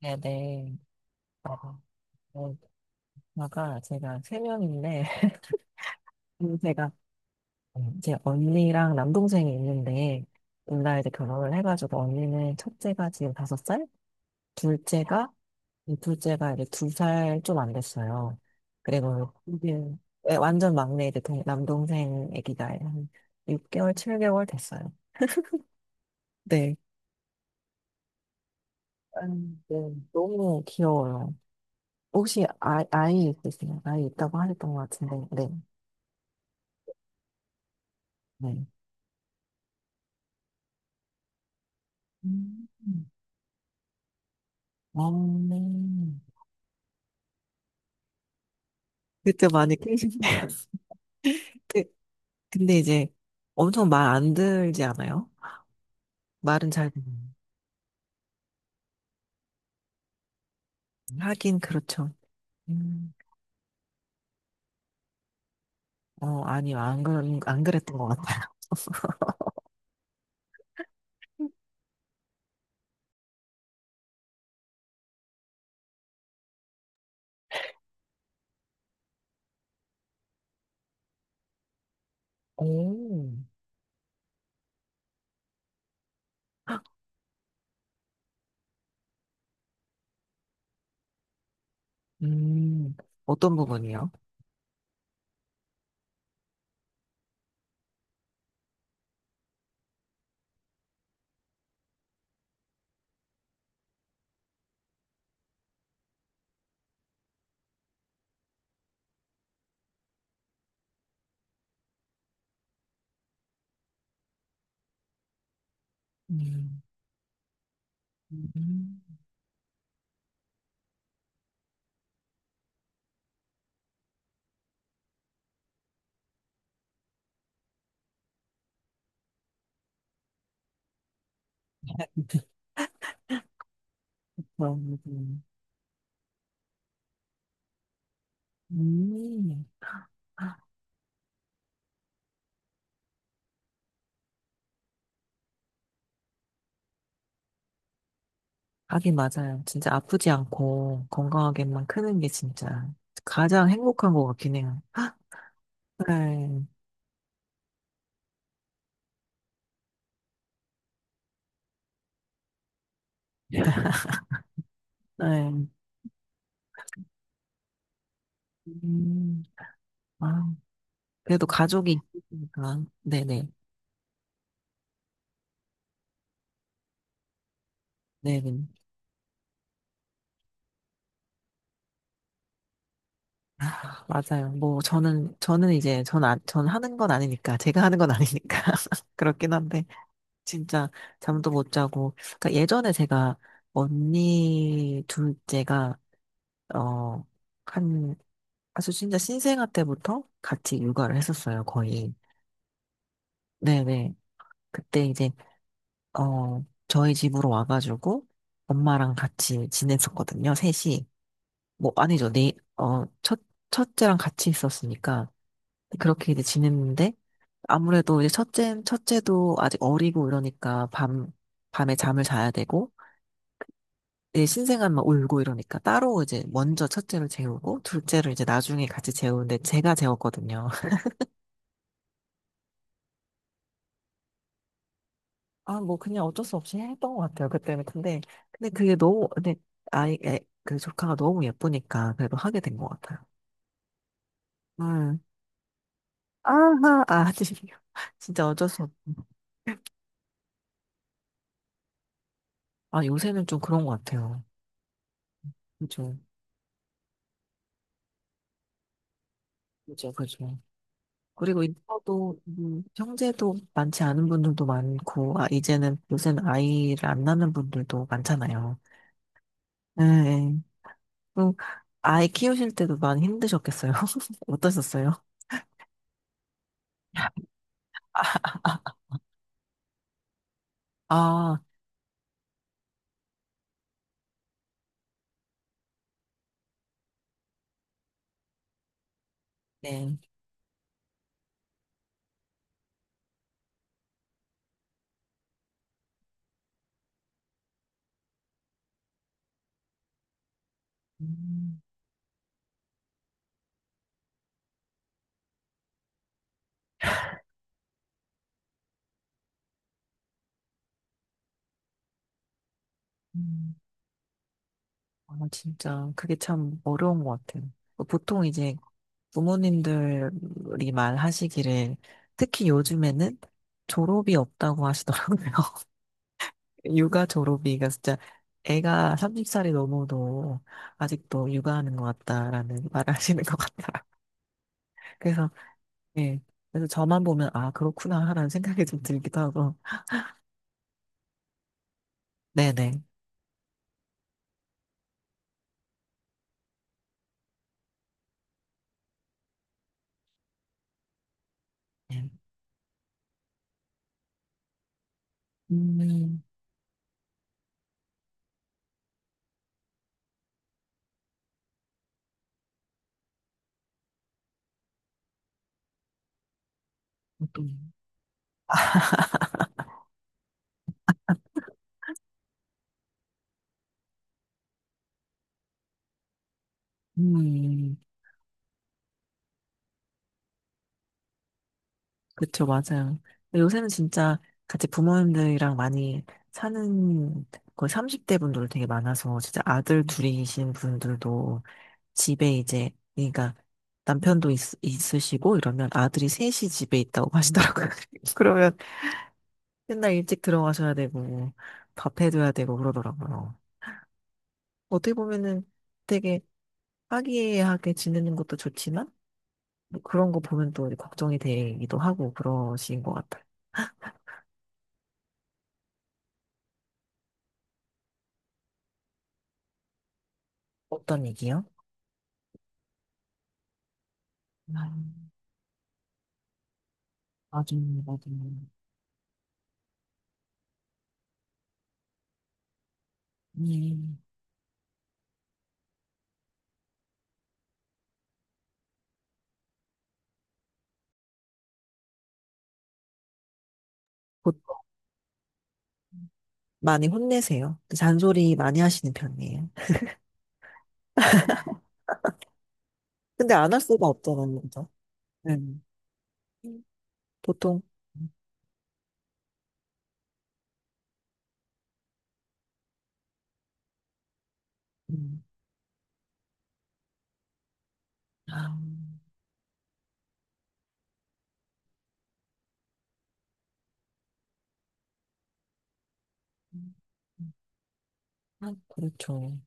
네네. 어, 어, 아까 제가 3명인데, 제가, 제 언니랑 남동생이 있는데, 둘 다 이제 결혼을 해가지고, 언니는 첫째가 지금 5살, 둘째가, 이 둘째가 이제 2살 좀 안 됐어요. 그리고 이제 네, 완전 막내 이제 남동생 아기가 한 6개월, 7개월 됐어요. 네. 네. 너무 귀여워요. 혹시 아이 있으세요? 아이 있다고 하셨던 것 같은데, 네. 네. 음. 어, 그때 많이 깨신데. 그, 근데 이제 엄청 말 안 들지 않아요? 말은 잘, 들어요. 하긴 그렇죠. 음, 아니요. 안, 그안 그랬던 것 같아요. 오, 음, 어떤 부분이요? 음, 음, 그런 부분. 음. 하긴 맞아요. 진짜 아프지 않고 건강하게만 크는 게 진짜 가장 행복한 것 같긴 해요. 네, 네. 음. 아, 그래도 가족이 있으니까. 네네. 네네. 아, 맞아요. 뭐, 저는 이제, 전 하는 건 아니니까, 제가 하는 건 아니니까. 그렇긴 한데, 진짜, 잠도 못 자고. 그러니까 예전에 제가, 언니 둘째가, 어, 한, 아주 진짜 신생아 때부터 같이 육아를 했었어요, 거의. 네네. 그때 이제, 저희 집으로 와가지고, 엄마랑 같이 지냈었거든요, 셋이. 뭐 아니죠. 첫째랑 같이 있었으니까 그렇게 이제 지냈는데 아무래도 이제 첫째도 아직 어리고 이러니까 밤, 밤에 잠을 자야 되고 이제 신생아만 울고 이러니까 따로 이제 먼저 첫째를 재우고 둘째를 이제 나중에 같이 재우는데 제가 재웠거든요. 아, 뭐 그냥 어쩔 수 없이 했던 것 같아요. 그때는. 근데, 그게 너무, 근데 그 조카가 너무 예쁘니까 그래도 하게 된 것 같아요. 음. 아하, 아, 진짜 어쩔 수없 아, 요새는 좀 그런 것 같아요. 그죠. 그죠, 그죠. 그리고 형제도 많지 않은 분들도 많고, 아, 요새는 아이를 안 낳는 분들도 많잖아요. 예, 예. 그럼 아이 키우실 때도 많이 힘드셨겠어요? 어떠셨어요? 아, 아, 네. 음, 음. 아, 진짜, 그게 참 어려운 것 같아요. 그 보통 이제 부모님들이 말하시기를, 특히 요즘에는 졸업이 없다고 하시더라고요. 육아 졸업이가 진짜 애가 30살이 넘어도 아직도 육아하는 것 같다라는 말을 하시는 것 같다. 그래서, 예. 그래서 저만 보면, 아, 그렇구나, 하는 생각이 좀 들기도 하고. 네네. 네. 음, 어떤, 음, 그쵸, 맞아요. 근데 요새는 진짜 같이 부모님들이랑 많이 사는 거의 30대 분들 되게 많아서 진짜 아들 둘이신 분들도 집에 이제, 그러니까 남편도 있으시고 이러면 아들이 셋이 집에 있다고 하시더라고요. 그러면 맨날 일찍 들어가셔야 되고 밥 해줘야 되고 그러더라고요. 어떻게 보면은 되게 화기애애하게 지내는 것도 좋지만 뭐 그런 거 보면 또 걱정이 되기도 하고 그러신 것 같아요. 어떤 얘기요? 맞아요, 맞아요. 음, 보통 많이 혼내세요. 잔소리 많이 하시는 편이에요. 근데 안 할 수가 없잖아요, 그죠? 네. 보통. 음. 아, 아, 그렇죠.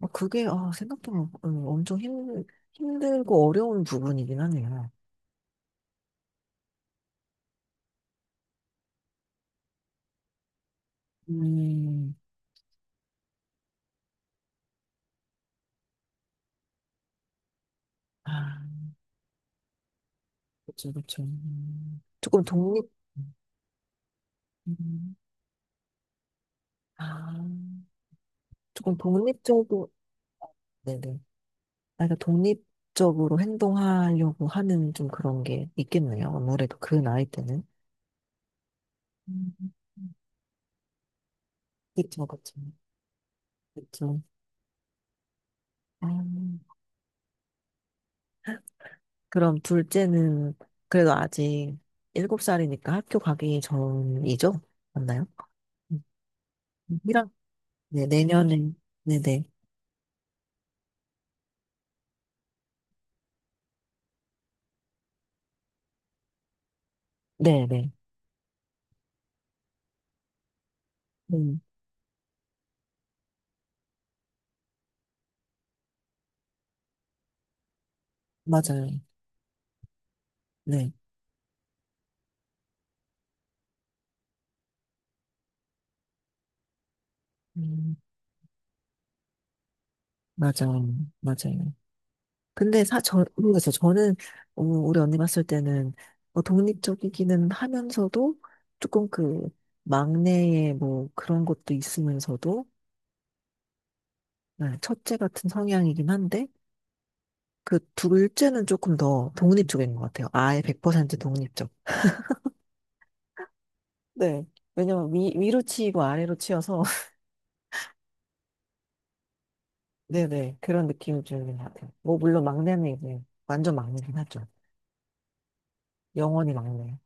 그게, 아, 생각보다 엄청 힘들고 어려운 부분이긴 하네요. 음, 아, 그죠그렇죠. 조금 독립, 음. 아, 조금 독립적으로, 네네. 약가 독립적으로 행동하려고 하는 좀 그런 게 있겠네요. 아무래도 그 나이 때는. 음. 그쵸, 그쵸. 그쵸. 아, 그럼 둘째는 그래도 아직 7살이니까 학교 가기 전이죠? 맞나요? 음, 일학 네, 내년에, 네네. 네네. 음, 맞아요. 네. 음, 맞아요. 맞아요. 근데 모르겠어요. 저는, 우리 언니 봤을 때는, 뭐 독립적이기는 하면서도, 조금 그, 막내의 뭐, 그런 것도 있으면서도, 네, 첫째 같은 성향이긴 한데, 그 둘째는 조금 더 독립 쪽인 것 같아요. 아예 100% 독립적. 네. 왜냐면 위로 치이고 아래로 치여서, 네네. 그런 느낌이 드는 것 같아요. 뭐, 물론 막내는 이제, 완전 막내긴 하죠. 영원히 막내.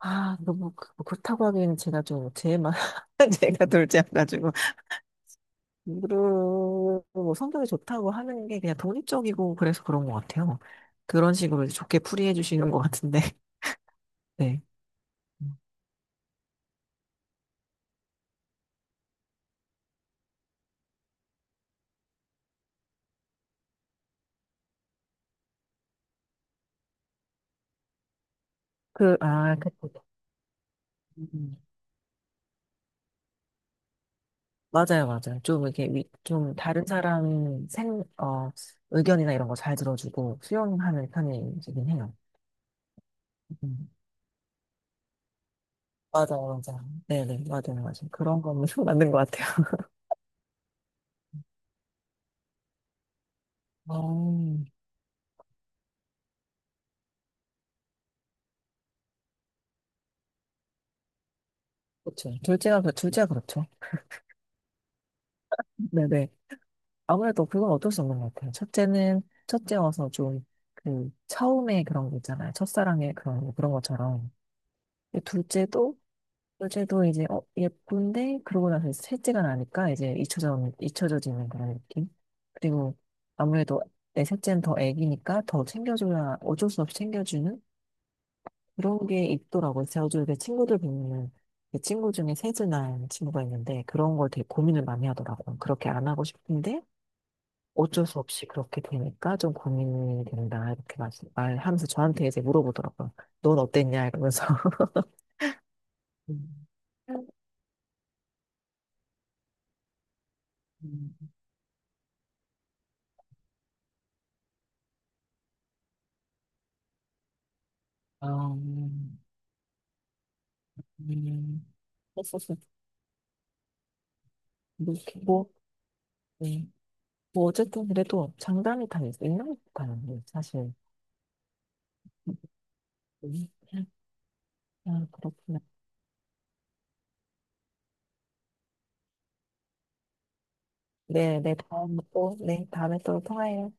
아, 너무 뭐 그렇다고 하기에는 제가 좀 제만 제가 둘째 여가지고 그리고 뭐 성격이 좋다고 하는 게 그냥 독립적이고 그래서 그런 것 같아요. 그런 식으로 이제 좋게 풀이해 주시는 것 같은데. 네. 그, 아, 그, 음. 맞아요, 맞아요. 좀 이렇게 좀 다른 사람 의견이나 이런 거 잘 들어주고 수용하는 편이긴 해요. 음. 맞아요, 맞아요. 네네, 맞아요, 맞아요. 그런 거는 맞는 것 같아요. 어. 그렇죠. 둘째가 그렇죠. 네네. 아무래도 그건 어쩔 수 없는 것 같아요. 첫째는, 첫째여서 좀, 그, 처음에 그런 거 있잖아요. 첫사랑의 그런, 거, 그런 것처럼. 근데 둘째도, 둘째도 이제, 어, 예쁜데, 그러고 나서 이제 셋째가 나니까 이제 잊혀져지는 그런 느낌? 그리고 아무래도 내 셋째는 더 애기니까 더 챙겨줘야, 어쩔 수 없이 챙겨주는 그런 게 있더라고요. 제가 요즘 제 친구들 보면은 제 친구 중에 세즈난 친구가 있는데 그런 걸 되게 고민을 많이 하더라고요. 그렇게 안 하고 싶은데 어쩔 수 없이 그렇게 되니까 좀 고민이 된다 이렇게 말하면서 저한테 이제 물어보더라고요. 넌 어땠냐 이러면서. 음. 음. 아, 음. 음. 썼었어. 뭐, 이렇게 뭐, 네. 뭐 어쨌든 그래도 장단이 다 있는 것 같아요. 사실. 음. 아, 그렇구나. 네, 네, 다음 또, 네, 다음에 또 통화해요.